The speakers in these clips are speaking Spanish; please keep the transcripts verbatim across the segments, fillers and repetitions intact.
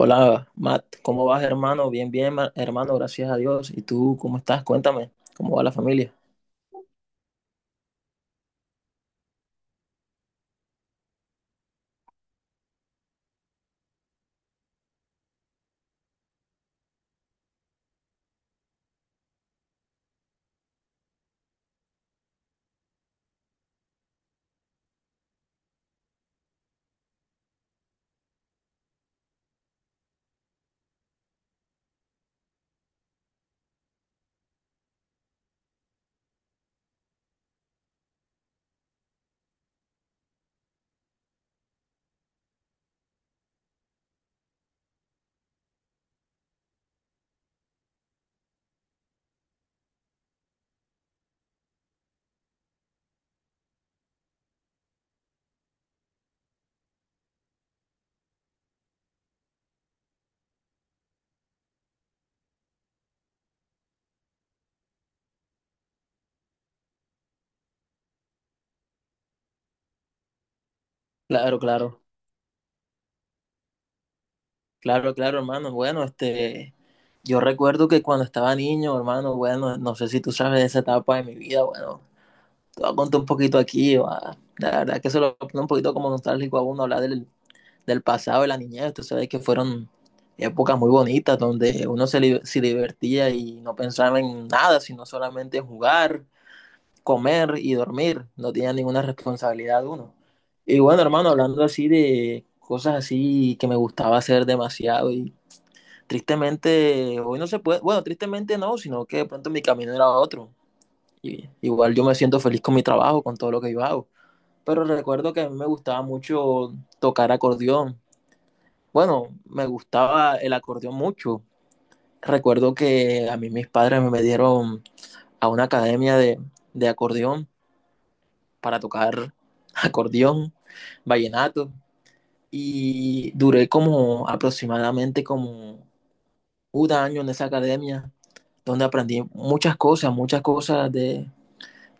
Hola, Matt, ¿cómo vas, hermano? Bien, bien, ma- hermano, gracias a Dios. ¿Y tú cómo estás? Cuéntame, ¿cómo va la familia? Claro, claro, claro, claro, hermano. Bueno, este, yo recuerdo que cuando estaba niño, hermano, bueno, no sé si tú sabes de esa etapa de mi vida. Bueno, te voy a contar un poquito aquí, va. La verdad que eso lo pone un poquito como nostálgico a uno hablar del, del pasado, de la niñez. Tú sabes que fueron épocas muy bonitas donde uno se, li- se divertía y no pensaba en nada, sino solamente en jugar, comer y dormir. No tenía ninguna responsabilidad uno. Y bueno, hermano, hablando así de cosas así que me gustaba hacer demasiado y tristemente, hoy no se puede. Bueno, tristemente no, sino que de pronto mi camino era otro. Y, igual yo me siento feliz con mi trabajo, con todo lo que yo hago. Pero recuerdo que a mí me gustaba mucho tocar acordeón. Bueno, me gustaba el acordeón mucho. Recuerdo que a mí mis padres me metieron a una academia de, de acordeón para tocar acordeón, vallenato, y duré como aproximadamente como un año en esa academia, donde aprendí muchas cosas, muchas cosas de,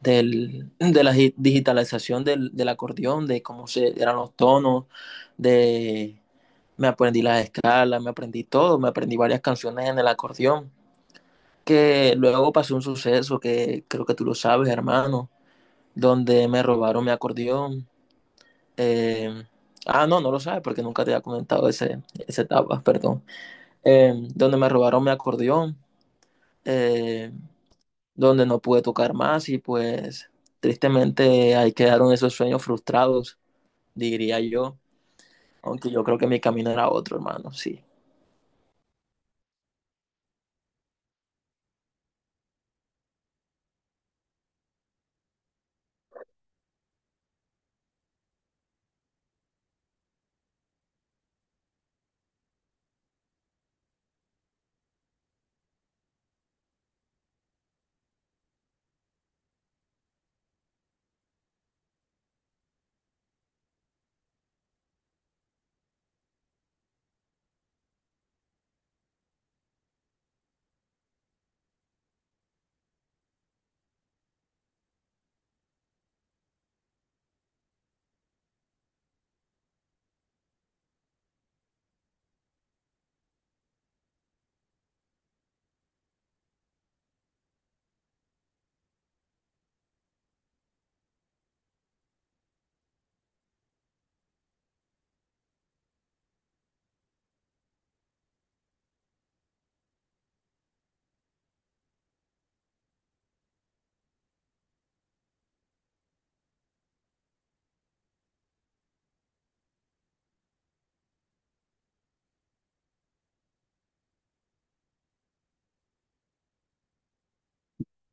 del, de la digitalización del, del, acordeón, de cómo se, eran los tonos, de me aprendí las escalas, me aprendí todo, me aprendí varias canciones en el acordeón, que luego pasó un suceso que creo que tú lo sabes, hermano, donde me robaron mi acordeón. eh, ah, no, no lo sabes porque nunca te había comentado ese, esa etapa, perdón. Eh, donde me robaron mi acordeón, eh, donde no pude tocar más y pues tristemente ahí quedaron esos sueños frustrados, diría yo, aunque yo creo que mi camino era otro, hermano, sí.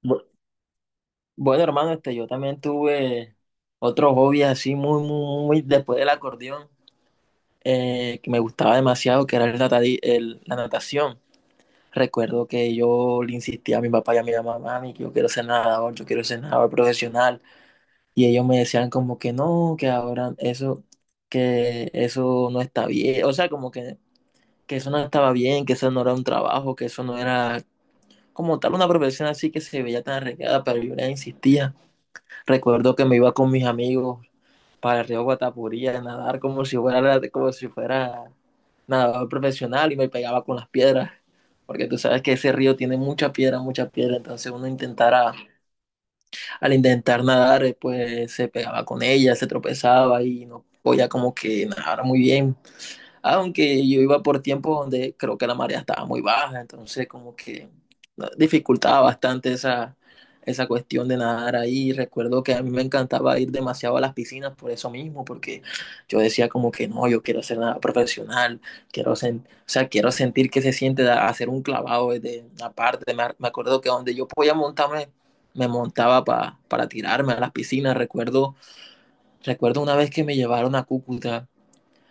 Bu- Bueno, hermano, este, yo también tuve otro hobby así muy, muy, muy después del acordeón, eh, que me gustaba demasiado, que era el natadi- el- la natación. Recuerdo que yo le insistía a mi papá y a mi mamá, mami, que yo quiero ser nadador, yo quiero ser nadador profesional. Y ellos me decían como que no, que ahora eso, que eso no está bien. O sea, como que, que eso no estaba bien, que eso no era un trabajo, que eso no era como tal una profesión así que se veía tan arreglada, pero yo les insistía. Recuerdo que me iba con mis amigos para el río Guatapurí a nadar como si fuera, como si fuera nadador profesional y me pegaba con las piedras, porque tú sabes que ese río tiene mucha piedra, mucha piedra, entonces uno intentara, al intentar nadar, eh, pues se pegaba con ella, se tropezaba y no podía como que nadar muy bien. Aunque yo iba por tiempos donde creo que la marea estaba muy baja, entonces como que no, dificultaba bastante esa, esa cuestión de nadar ahí. Recuerdo que a mí me encantaba ir demasiado a las piscinas por eso mismo, porque yo decía como que no, yo quiero hacer nada profesional, quiero sen- o sea, quiero sentir que se siente da- hacer un clavado desde una parte. Me, me acuerdo que donde yo podía montarme, me montaba pa- para tirarme a las piscinas. Recuerdo, recuerdo una vez que me llevaron a Cúcuta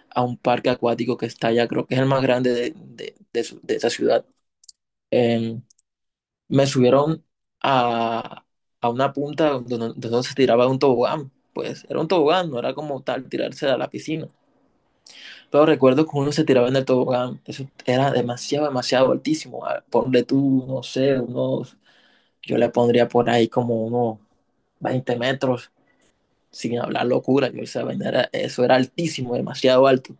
a un parque acuático que está allá, creo que es el más grande de, de- de su- de esa ciudad. Eh, Me subieron a, a una punta donde, donde no se tiraba un tobogán. Pues era un tobogán, no era como tal tirarse a la piscina. Pero recuerdo que uno se tiraba en el tobogán. Eso era demasiado, demasiado altísimo. A- Ponle tú, no sé, unos, yo le pondría por ahí como unos veinte metros, sin hablar locura. Yo esa vaina era- Eso era altísimo, demasiado alto.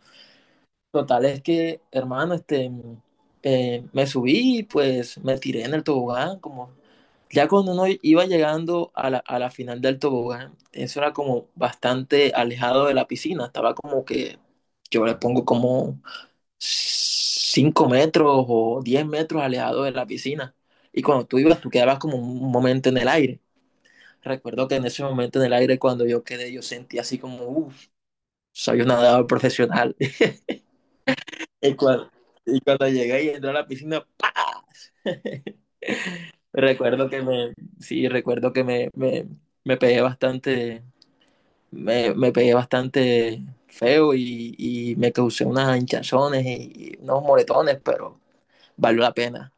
Total, es que, hermano, este, eh, me subí y pues me tiré en el tobogán, como ya cuando uno iba llegando a la, a la final del tobogán, eso era como bastante alejado de la piscina, estaba como que yo le pongo como cinco metros o diez metros alejado de la piscina. Y cuando tú ibas, tú quedabas como un momento en el aire. Recuerdo que en ese momento en el aire, cuando yo quedé, yo sentí así como, uff, soy un nadador profesional. Y cuando, y cuando llegué y entré a la piscina, ¡pa! recuerdo que me, sí, recuerdo que me, me, me pegué bastante, me, me pegué bastante feo y, y me causé unas hinchazones y, y unos moretones, pero valió la pena.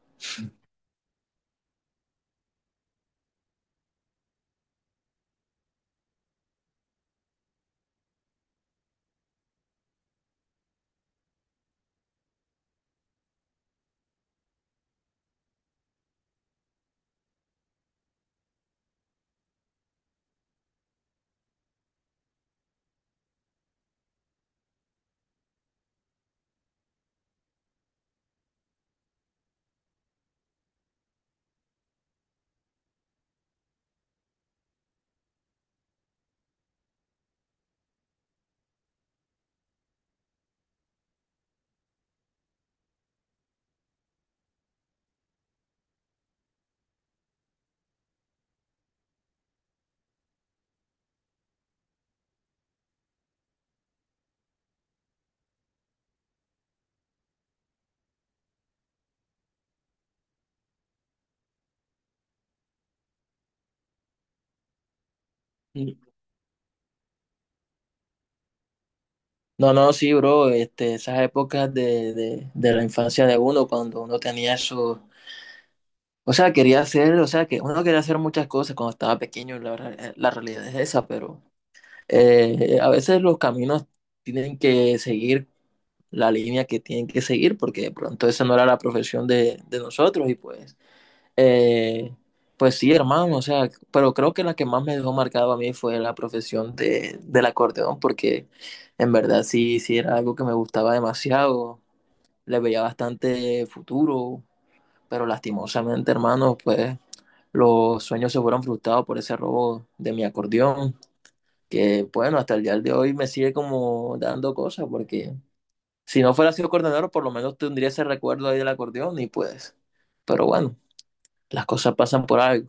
No, no, sí, bro, este, esas épocas de, de, de la infancia de uno, cuando uno tenía eso, o sea, quería hacer, o sea, que uno quería hacer muchas cosas cuando estaba pequeño, la, verdad- eh, la realidad es esa, pero Eh, a veces los caminos tienen que seguir la línea que tienen que seguir porque de pronto esa no era la profesión de, de nosotros y pues, eh, pues sí, hermano, o sea, pero creo que la que más me dejó marcado a mí fue la profesión de, del acordeón porque en verdad sí, sí era algo que me gustaba demasiado, le veía bastante futuro, pero lastimosamente, hermano, pues los sueños se fueron frustrados por ese robo de mi acordeón, que bueno, hasta el día de hoy me sigue como dando cosas, porque si no fuera sido coordinador, por lo menos tendría ese recuerdo ahí del acordeón y pues, pero bueno, las cosas pasan por algo.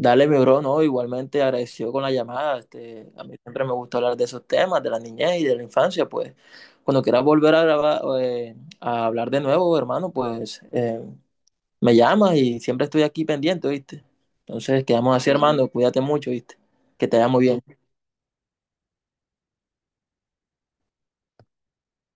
Dale, mi bro, no, igualmente agradecido con la llamada, este, a mí siempre me gusta hablar de esos temas, de la niñez y de la infancia, pues, cuando quieras volver a grabar, eh, a hablar de nuevo, hermano, pues, eh, me llamas y siempre estoy aquí pendiente, ¿viste? Entonces, quedamos así, hermano, cuídate mucho, ¿viste? Que te vaya muy bien.